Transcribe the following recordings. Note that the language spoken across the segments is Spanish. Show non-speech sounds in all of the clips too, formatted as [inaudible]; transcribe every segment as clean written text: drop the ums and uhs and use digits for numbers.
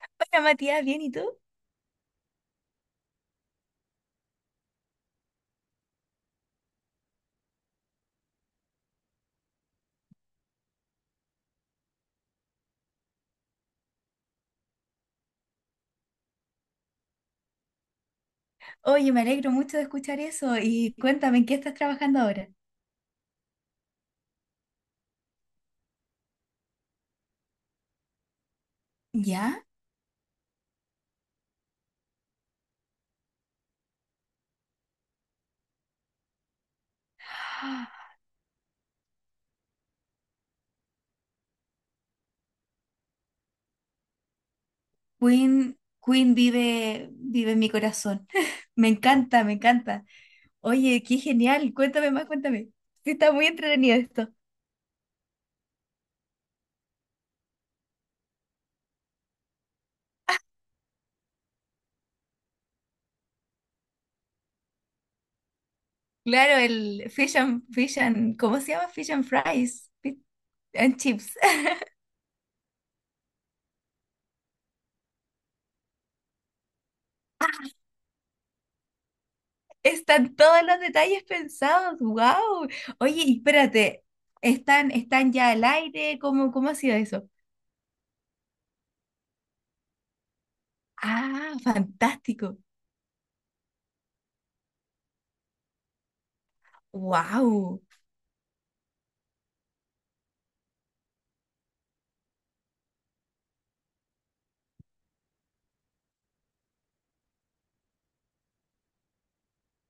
Hola Matías, ¿bien y tú? Oye, me alegro mucho de escuchar eso y cuéntame, ¿en qué estás trabajando ahora? ¿Ya? Ah, Queen, Queen vive, en mi corazón. [laughs] Me encanta, me encanta. Oye, qué genial, cuéntame más, cuéntame. Sí, está muy entretenido esto. Claro, el ¿cómo se llama? Fish and fries, fish and chips. [laughs] Están todos los detalles pensados, wow. Oye, y espérate, ¿están ya al aire? ¿Cómo ha sido eso? Ah, fantástico. Wow,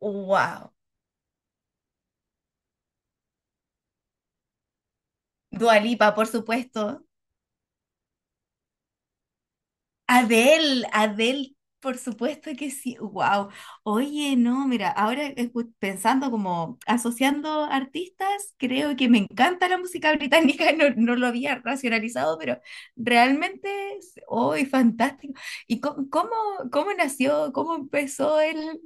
wow. Dua Lipa, por supuesto. Adele, Adele, por supuesto que sí. Wow. Oye, no, mira, pensando como asociando artistas, creo que me encanta la música británica. [laughs] No, no lo había racionalizado, pero realmente, hoy fantástico. ¿Y co- cómo, nació, ¿cómo empezó el,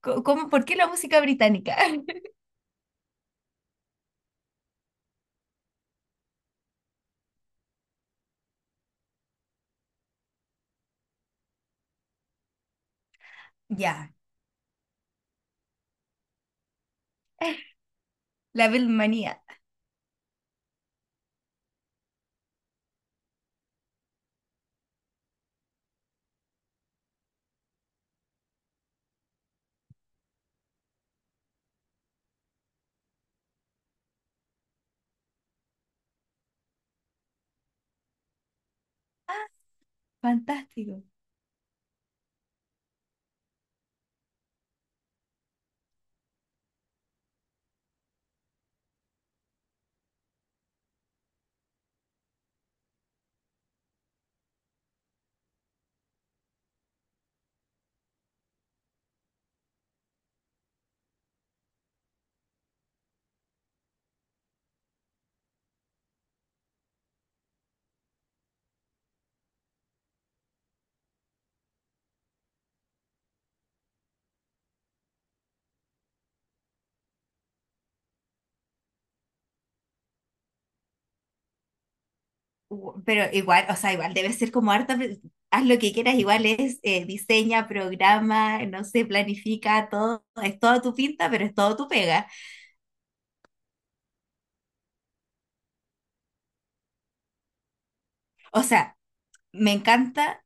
por qué la música británica? [laughs] Ya, la Beatlemanía. Fantástico. Pero igual, o sea, igual debe ser como harta, haz lo que quieras, igual es diseña, programa, no sé, planifica, todo, es todo tu pinta, pero es todo tu pega. O sea, me encanta.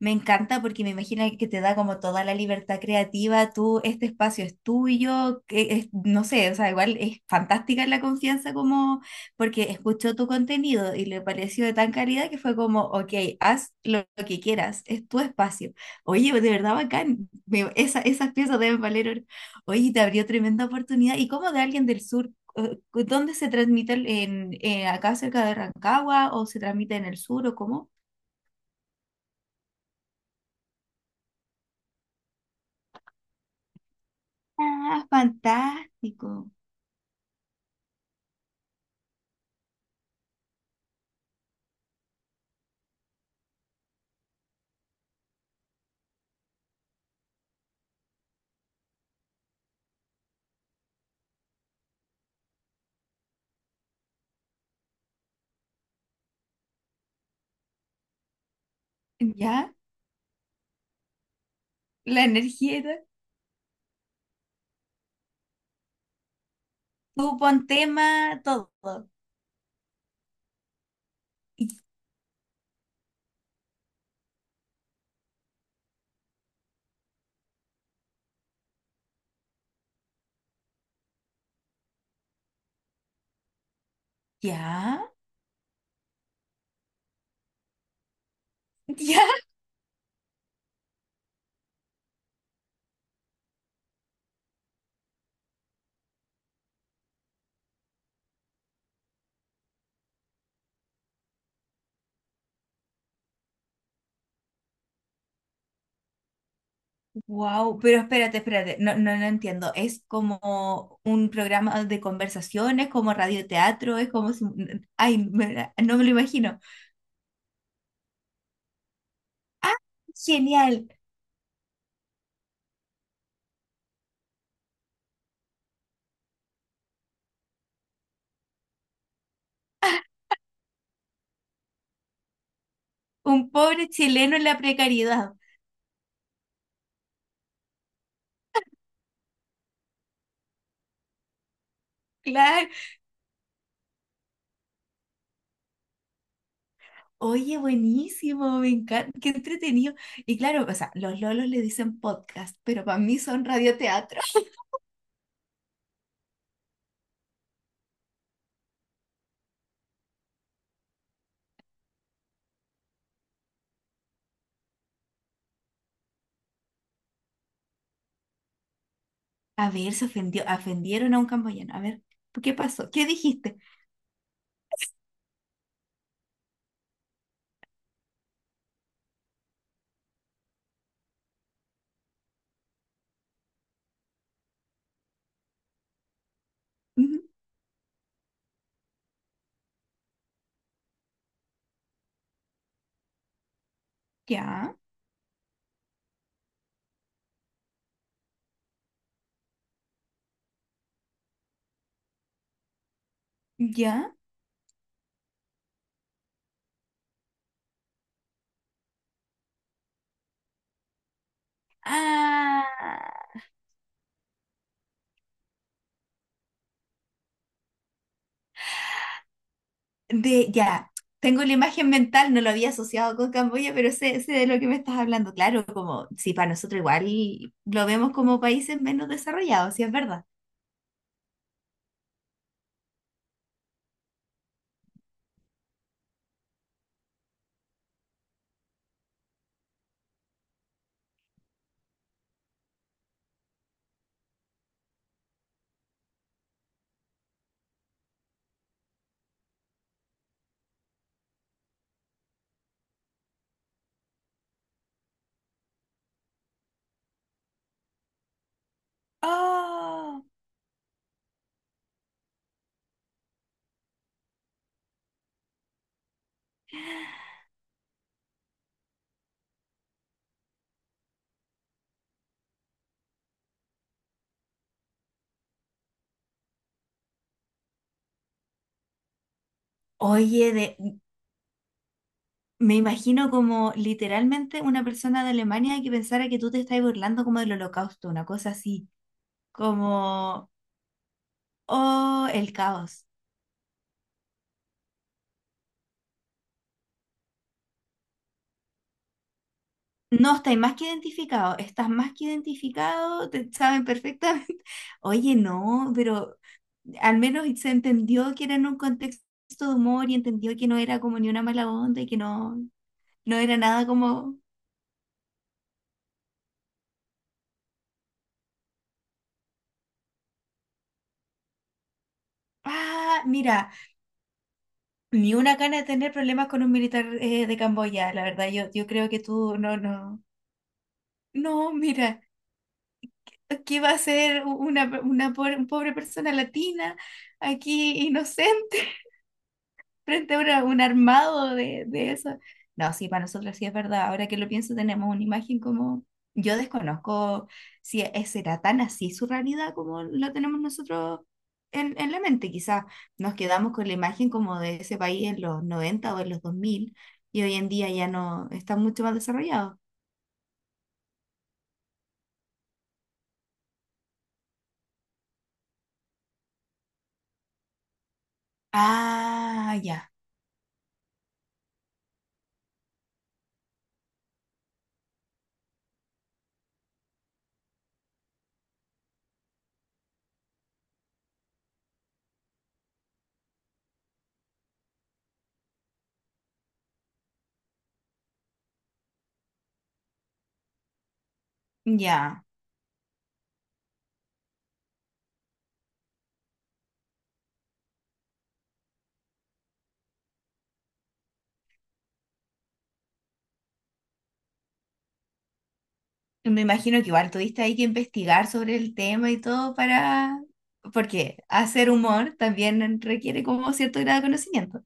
Me encanta porque me imagino que te da como toda la libertad creativa, tú, este espacio es tuyo, que no sé, o sea, igual es fantástica la confianza, como porque escuchó tu contenido y le pareció de tan calidad que fue como, ok, haz lo que quieras, es tu espacio. Oye, de verdad bacán, esas piezas deben valer oro. Oye, te abrió tremenda oportunidad. ¿Y cómo de alguien del sur? eh, ¿Dónde se transmite? ¿En, acá cerca de Rancagua o se transmite en el sur o cómo? Ah, fantástico. ¿Ya? La energía y todo. Tú pon tema, todo. Y- ¿Ya? [laughs] ¿Ya? Wow, pero espérate, espérate. No, no, no entiendo. ¿Es como un programa de conversaciones, como radioteatro? Es como... si- Ay, no me lo imagino. ¡Ah, genial! Un pobre chileno en la precariedad. Claro. Oye, buenísimo, me encanta. Qué entretenido. Y claro, o sea, los lolos le dicen podcast, pero para mí son radioteatro. A ver, se ofendió, ofendieron a un camboyano. A ver, ¿qué pasó? ¿Qué dijiste? Ujú. Ya, ya. Ah, de, ya. Tengo la imagen mental, no lo había asociado con Camboya, pero sé, sé de lo que me estás hablando. Claro, como si para nosotros igual lo vemos como países menos desarrollados, si es verdad. Oh, oye, de, me imagino como literalmente una persona de Alemania que pensara que tú te estás burlando como del holocausto, una cosa así, como, oh, el caos. No, estáis más que identificado, estás más que identificado, te saben perfectamente. [laughs] Oye, no, pero al menos se entendió que era en un contexto de humor, y entendió que no era como ni una mala onda y que no, no era nada como, ah, mira, ni una gana de tener problemas con un militar de Camboya, la verdad, yo creo que tú, no, no, no, mira, ¿qué va a ser una, una pobre persona latina aquí inocente frente a un armado de eso? No, sí, para nosotros sí es verdad. Ahora que lo pienso, tenemos una imagen como... Yo desconozco si será tan así su realidad como lo tenemos nosotros en la mente. Quizás nos quedamos con la imagen como de ese país en los 90 o en los 2000, y hoy en día ya no está mucho más desarrollado. Ah, ya, ya. Me imagino que igual tuviste ahí que investigar sobre el tema y todo para... Porque hacer humor también requiere como cierto grado de conocimiento.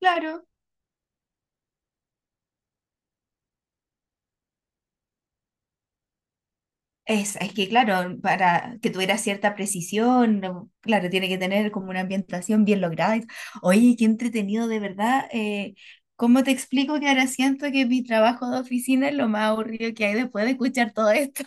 Claro. Es que, claro, para que tuviera cierta precisión, no, claro, tiene que tener como una ambientación bien lograda. Oye, qué entretenido, de verdad. ¿Cómo te explico que ahora siento que mi trabajo de oficina es lo más aburrido que hay después de escuchar todo esto?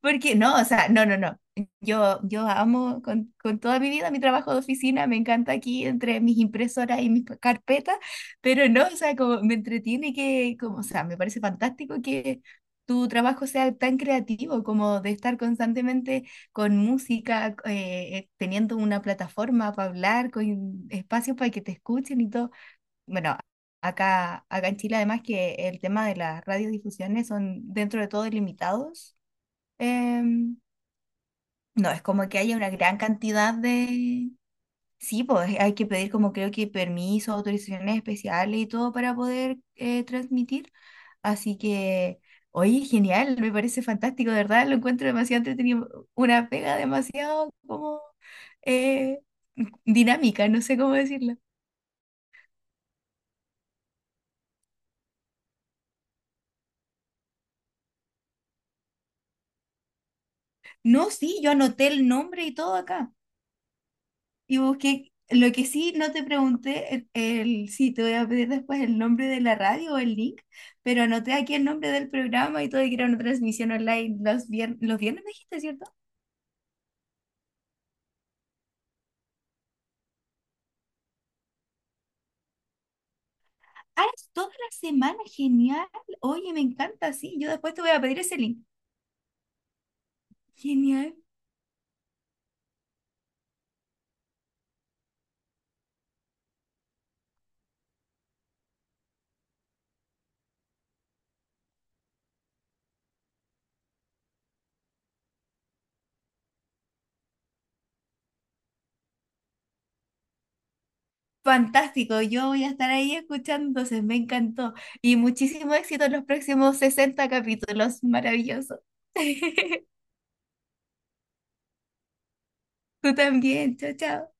Porque no, o sea, no, no, no. Yo amo con toda mi vida mi trabajo de oficina, me encanta aquí entre mis impresoras y mis carpetas, pero no, o sea, como me entretiene que, como, o sea, me parece fantástico que tu trabajo sea tan creativo, como de estar constantemente con música, teniendo una plataforma para hablar, con espacios para que te escuchen y todo. Bueno, acá en Chile además que el tema de las radiodifusiones son dentro de todo ilimitados, em, no, es como que haya una gran cantidad de... Sí, pues hay que pedir como creo que permisos, autorizaciones especiales y todo para poder transmitir. Así que, oye, genial, me parece fantástico, de verdad, lo encuentro demasiado entretenido, una pega demasiado como eh, dinámica, no sé cómo decirlo. No, sí, yo anoté el nombre y todo acá. Y busqué, lo que sí no te pregunté, sí, te voy a pedir después el nombre de la radio o el link, pero anoté aquí el nombre del programa y todo, y que era una transmisión online los, los viernes, me dijiste, ¿cierto? Ah, es toda la semana, genial. Oye, me encanta, sí, yo después te voy a pedir ese link. Genial. Fantástico, yo voy a estar ahí escuchando, entonces me encantó. Y muchísimo éxito en los próximos 60 capítulos, maravilloso. [laughs] Tú también, chao, chao.